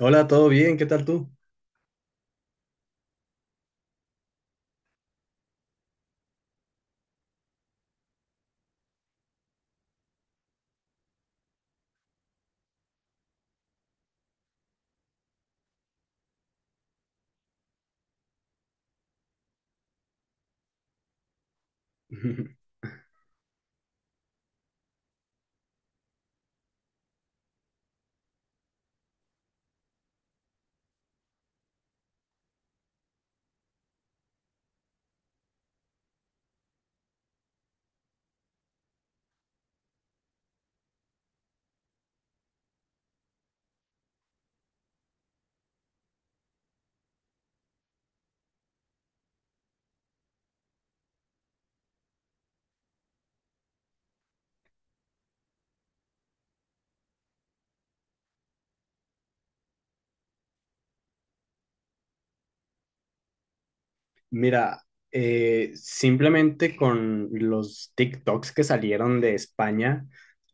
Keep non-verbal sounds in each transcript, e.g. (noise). Hola, ¿todo bien? ¿Qué tal tú? (laughs) Mira, simplemente con los TikToks que salieron de España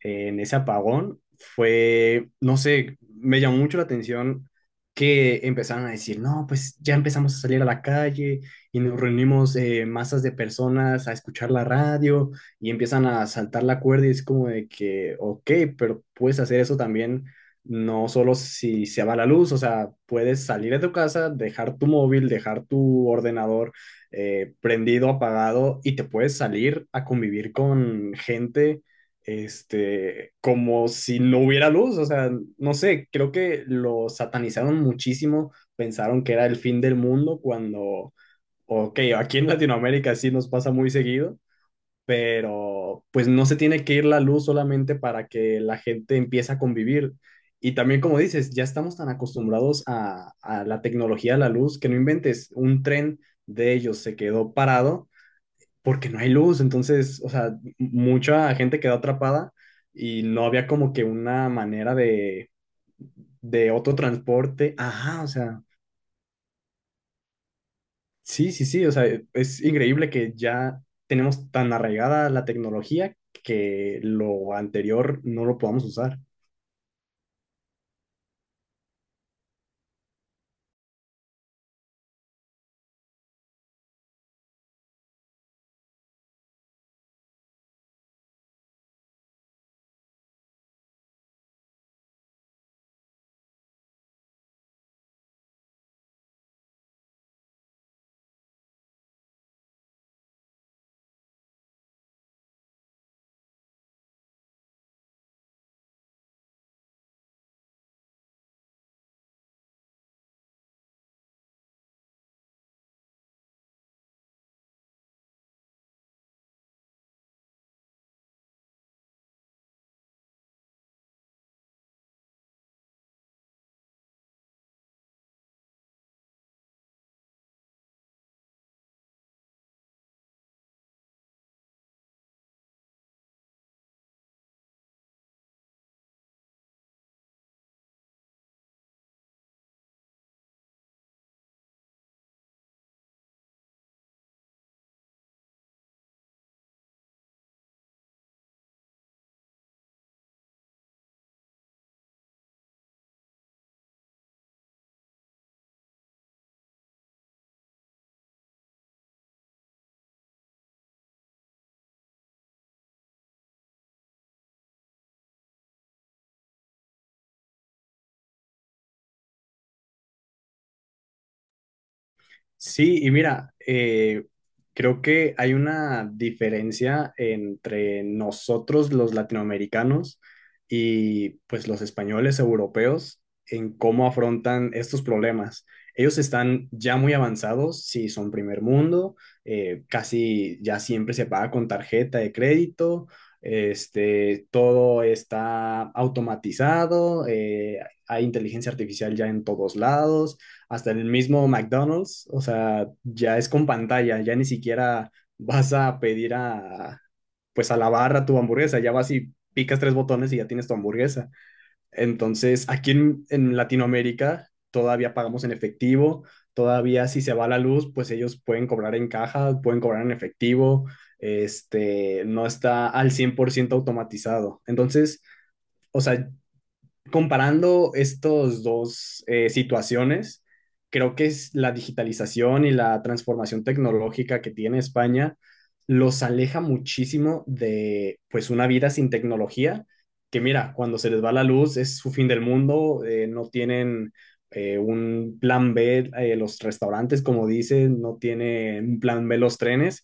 en ese apagón, fue, no sé, me llamó mucho la atención que empezaron a decir, no, pues ya empezamos a salir a la calle y nos reunimos masas de personas a escuchar la radio y empiezan a saltar la cuerda y es como de que, ok, pero puedes hacer eso también, no solo si se va la luz. O sea, puedes salir de tu casa, dejar tu móvil, dejar tu ordenador prendido, apagado, y te puedes salir a convivir con gente, este, como si no hubiera luz. O sea, no sé, creo que lo satanizaron muchísimo, pensaron que era el fin del mundo cuando, ok, aquí en Latinoamérica sí nos pasa muy seguido, pero pues no se tiene que ir la luz solamente para que la gente empiece a convivir. Y también, como dices, ya estamos tan acostumbrados a, la tecnología, a la luz, que no inventes, un tren de ellos se quedó parado porque no hay luz. Entonces, o sea, mucha gente quedó atrapada y no había como que una manera de, otro transporte. Ajá, o sea, sí, o sea, es increíble que ya tenemos tan arraigada la tecnología que lo anterior no lo podamos usar. Sí, y mira, creo que hay una diferencia entre nosotros los latinoamericanos y pues los españoles europeos en cómo afrontan estos problemas. Ellos están ya muy avanzados, si son primer mundo, casi ya siempre se paga con tarjeta de crédito, este, todo está automatizado, hay inteligencia artificial ya en todos lados, hasta en el mismo McDonald's. O sea, ya es con pantalla, ya ni siquiera vas a pedir a, pues a la barra tu hamburguesa, ya vas y picas tres botones y ya tienes tu hamburguesa. Entonces, aquí en, Latinoamérica todavía pagamos en efectivo, todavía si se va la luz, pues ellos pueden cobrar en caja, pueden cobrar en efectivo, este, no está al 100% automatizado. Entonces, o sea, comparando estas dos situaciones, creo que es la digitalización y la transformación tecnológica que tiene España los aleja muchísimo de pues una vida sin tecnología, que mira, cuando se les va la luz es su fin del mundo. Eh, no tienen un plan B, los restaurantes, como dicen, no tienen un plan B los trenes,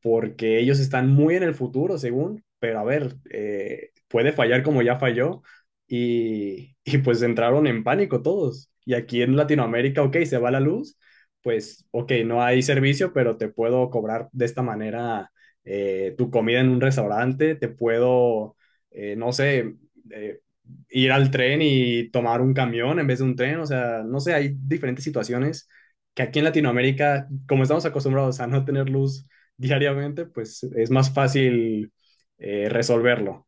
porque ellos están muy en el futuro, según, pero a ver, puede fallar como ya falló y, pues entraron en pánico todos. Y aquí en Latinoamérica, ok, se va la luz, pues ok, no hay servicio, pero te puedo cobrar de esta manera tu comida en un restaurante, te puedo, no sé, eh, ir al tren y tomar un camión en vez de un tren. O sea, no sé, hay diferentes situaciones que aquí en Latinoamérica, como estamos acostumbrados a no tener luz diariamente, pues es más fácil resolverlo.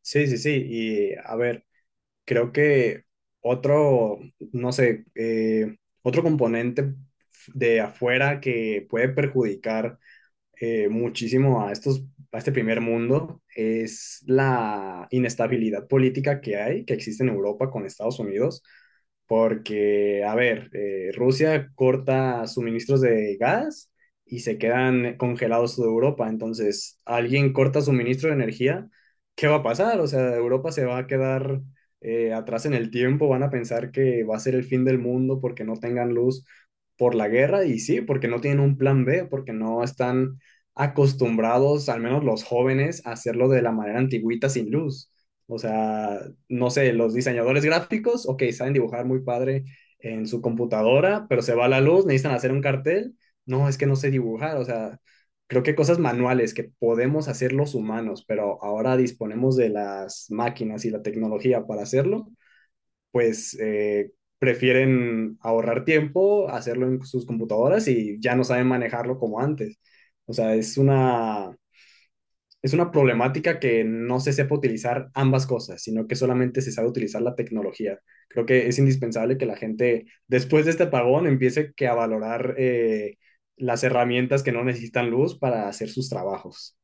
Sí, y a ver, creo que otro, no sé, otro componente de afuera que puede perjudicar muchísimo a estos, a este primer mundo, es la inestabilidad política que hay, que existe en Europa con Estados Unidos, porque, a ver, Rusia corta suministros de gas y se quedan congelados toda Europa, entonces alguien corta suministro de energía, ¿qué va a pasar? O sea, Europa se va a quedar atrás en el tiempo, van a pensar que va a ser el fin del mundo porque no tengan luz por la guerra. Y sí, porque no tienen un plan B, porque no están acostumbrados, al menos los jóvenes, a hacerlo de la manera antigüita sin luz. O sea, no sé, los diseñadores gráficos, ok, saben dibujar muy padre en su computadora, pero se va la luz, necesitan hacer un cartel. No, es que no sé dibujar. O sea, creo que cosas manuales que podemos hacer los humanos, pero ahora disponemos de las máquinas y la tecnología para hacerlo, pues prefieren ahorrar tiempo, hacerlo en sus computadoras, y ya no saben manejarlo como antes. O sea, es una problemática que no se sepa utilizar ambas cosas, sino que solamente se sabe utilizar la tecnología. Creo que es indispensable que la gente, después de este apagón, empiece que a valorar las herramientas que no necesitan luz para hacer sus trabajos.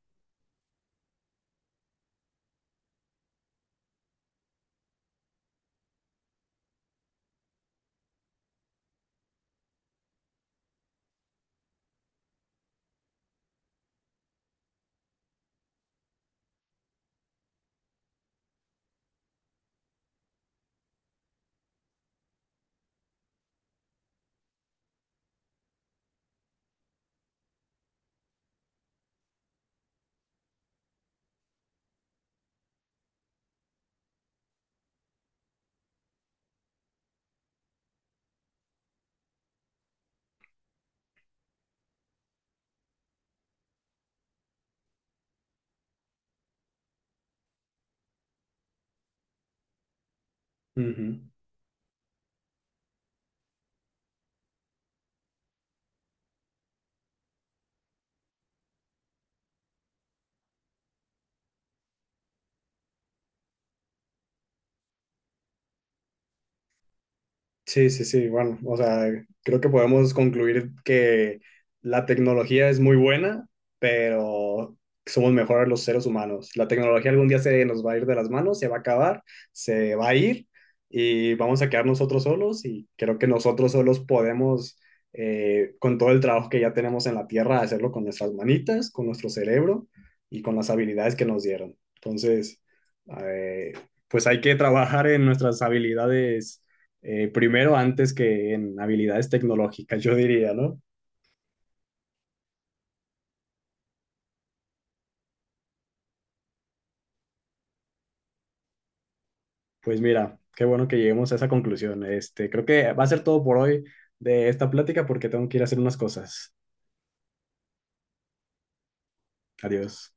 Ujú. Sí, bueno, o sea, creo que podemos concluir que la tecnología es muy buena, pero somos mejores los seres humanos. La tecnología algún día se nos va a ir de las manos, se va a acabar, se va a ir, y vamos a quedar nosotros solos, y creo que nosotros solos podemos, con todo el trabajo que ya tenemos en la tierra, hacerlo con nuestras manitas, con nuestro cerebro y con las habilidades que nos dieron. Entonces, eh, pues hay que trabajar en nuestras habilidades primero antes que en habilidades tecnológicas, (laughs) yo diría, ¿no? Pues mira, qué bueno que lleguemos a esa conclusión. Este, creo que va a ser todo por hoy de esta plática porque tengo que ir a hacer unas cosas. Adiós.